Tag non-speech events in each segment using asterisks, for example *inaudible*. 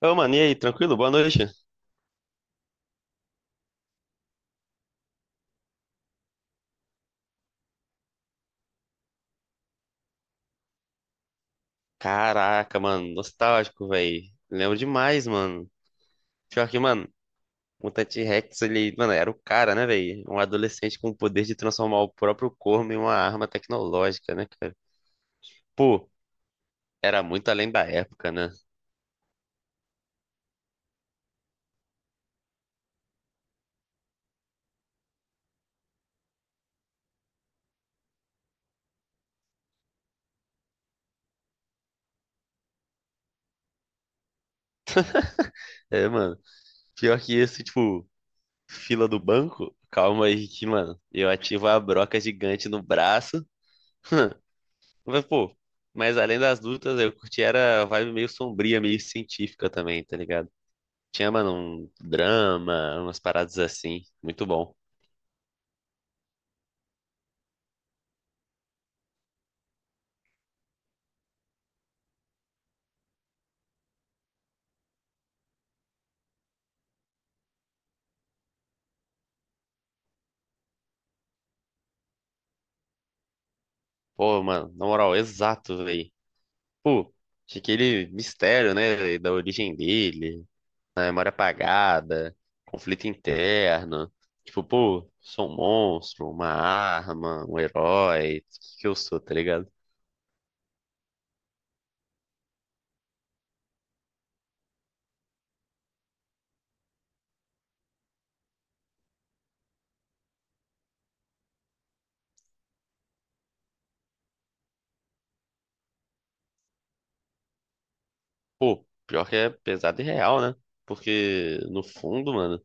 Ô, mano, e aí, tranquilo? Boa noite. Caraca, mano, nostálgico, velho. Lembro demais, mano. Pior que, mano, Mutante Rex, ele, mano, era o cara, né, velho? Um adolescente com o poder de transformar o próprio corpo em uma arma tecnológica, né, cara? Pô, era muito além da época, né? É, mano, pior que isso, tipo, fila do banco, calma aí que, mano, eu ativo a broca gigante no braço. Mas, pô, mas além das lutas, eu curti era a vibe meio sombria, meio científica também, tá ligado? Tinha, mano, um drama, umas paradas assim. Muito bom. Pô, mano, na moral, exato, velho. Pô, tinha aquele mistério, né, véi, da origem dele, na memória apagada, conflito interno. Tipo, pô, sou um monstro, uma arma, um herói, o que que eu sou, tá ligado? Pô, pior que é pesado e real, né? Porque, no fundo, mano.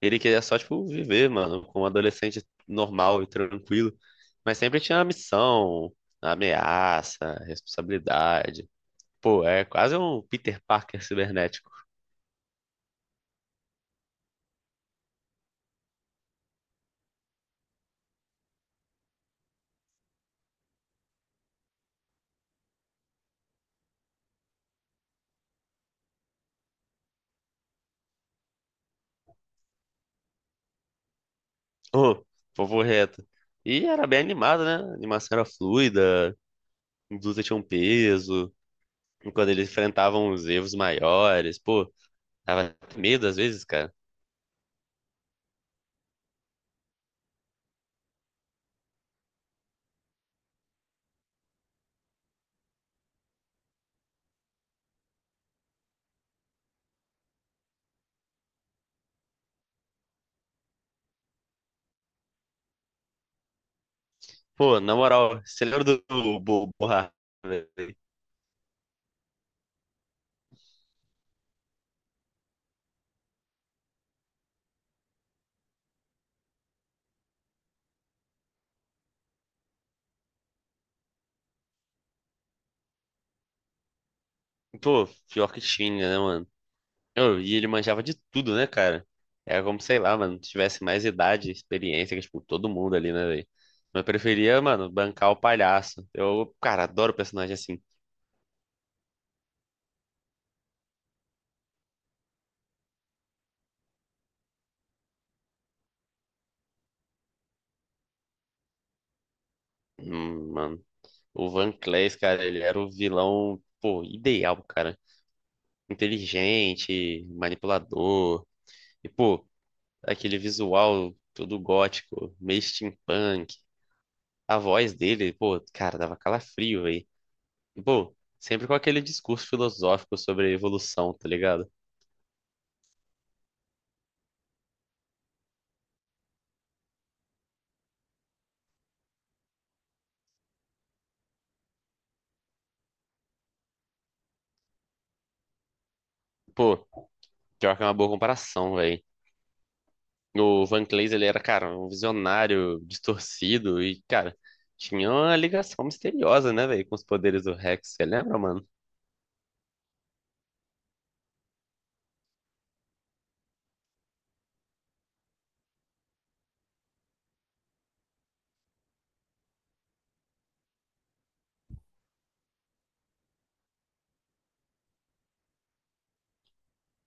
Ele queria só, tipo, viver, mano, como um adolescente normal e tranquilo. Mas sempre tinha a missão, a ameaça, a responsabilidade. Pô, é quase um Peter Parker cibernético. Ô, povo reto. E era bem animado, né? A animação era fluida, a luta tinha um peso. E quando eles enfrentavam os erros maiores, pô, dava até medo às vezes, cara. Pô, na moral, você lembra do Borra? Pô, pior que tinha, né, mano? Oh, e ele manjava de tudo, né, cara? Era como, sei lá, mano, tivesse mais idade, experiência, que, tipo, todo mundo ali, né, velho? Mas eu preferia, mano, bancar o palhaço. Eu, cara, adoro personagem assim. Mano. O Van Clays, cara, ele era o vilão, pô, ideal, cara. Inteligente, manipulador. E, pô, aquele visual todo gótico, meio steampunk. A voz dele, pô, cara, dava calafrio, velho. E, pô, sempre com aquele discurso filosófico sobre evolução, tá ligado? Pô, pior que é uma boa comparação, velho. O Van Clays, ele era, cara, um visionário distorcido e, cara, tinha uma ligação misteriosa, né, velho, com os poderes do Rex, você lembra, mano?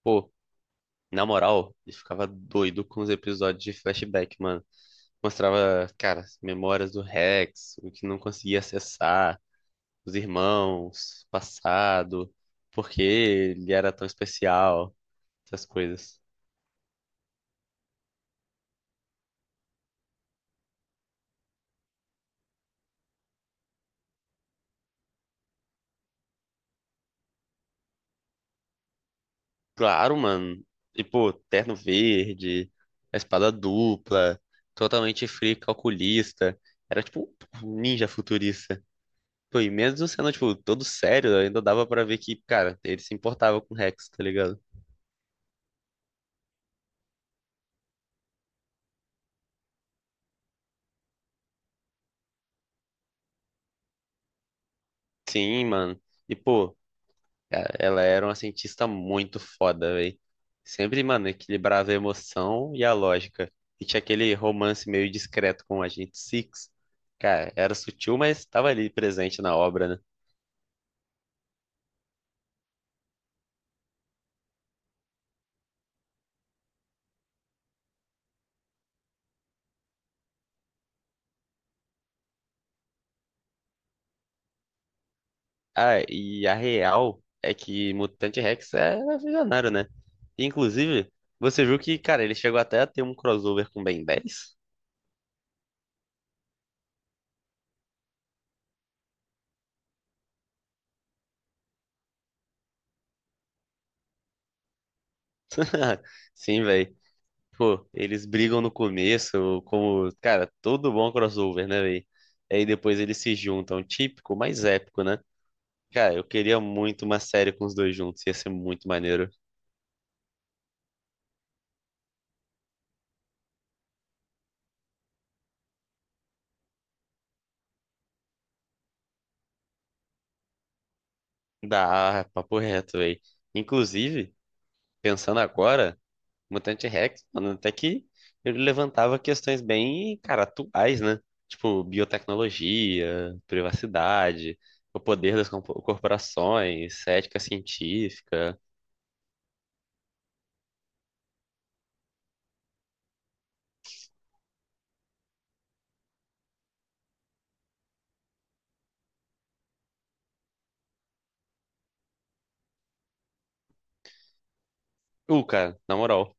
Pô, na moral, ele ficava doido com os episódios de flashback, mano. Mostrava, cara, as memórias do Rex, o que não conseguia acessar, os irmãos, o passado, por que ele era tão especial, essas coisas. Claro, mano. E, pô, terno verde, a espada dupla, totalmente free calculista. Era tipo um ninja futurista. Pô, e mesmo sendo, tipo, todo sério, ainda dava pra ver que, cara, ele se importava com o Rex, tá ligado? Sim, mano. E, pô, cara, ela era uma cientista muito foda, velho. Sempre, mano, equilibrava a emoção e a lógica. E tinha aquele romance meio discreto com o Agente Six. Cara, era sutil, mas tava ali presente na obra, né? Ah, e a real é que Mutante Rex é visionário, né? E, inclusive, você viu que, cara, ele chegou até a ter um crossover com Ben 10? *laughs* Sim, velho. Pô, eles brigam no começo, como, cara, todo bom crossover, né, velho? Aí depois eles se juntam, típico, mas épico, né? Cara, eu queria muito uma série com os dois juntos, ia ser muito maneiro. Dá, papo reto, velho. Inclusive, pensando agora. Mutante Rex, mano, até que ele levantava questões bem, cara, atuais, né? Tipo, biotecnologia, privacidade, o poder das corporações, ética científica. Cara, na moral.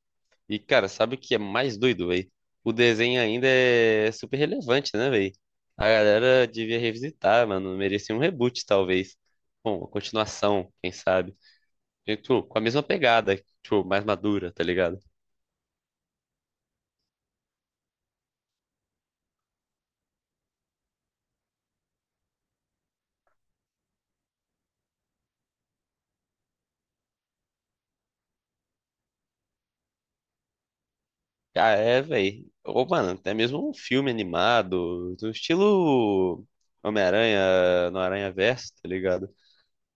E, cara, sabe o que é mais doido, véi? O desenho ainda é super relevante, né, véi? A galera devia revisitar, mano. Merecia um reboot, talvez. Bom, uma continuação, quem sabe? E, tipo, com a mesma pegada, tipo, mais madura, tá ligado? Ah, é, velho. Ô, mano, até mesmo um filme animado, do estilo Homem-Aranha no Aranha-Verso, tá ligado?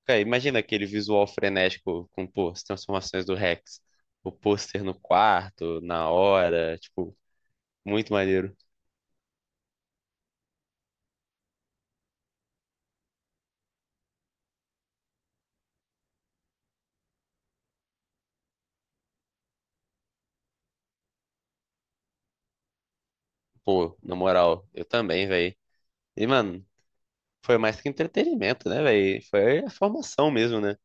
Cara, imagina aquele visual frenético com, pô, as transformações do Rex. O pôster no quarto, na hora, tipo, muito maneiro. Pô, na moral, eu também, velho. E, mano, foi mais que entretenimento, né, velho? Foi a formação mesmo, né?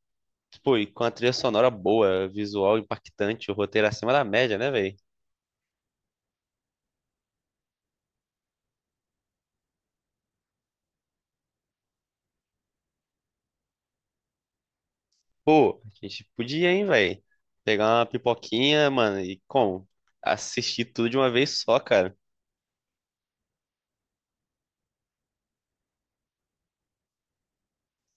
Tipo, e com a trilha sonora boa, visual impactante, o roteiro acima da média, né, velho? Pô, a gente podia, hein, velho? Pegar uma pipoquinha, mano, e como? Assistir tudo de uma vez só, cara.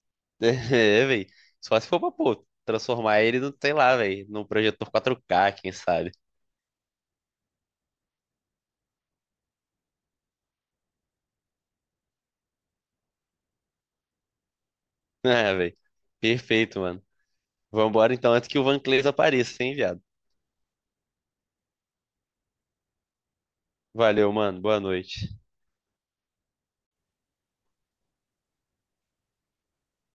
*laughs* É, velho. Só se for pra, pô, transformar ele no, sei lá, velho, num projetor 4K, quem sabe? *laughs* É, velho. Perfeito, mano. Vambora então antes que o Van Cleves apareça, hein, viado? Valeu, mano. Boa noite.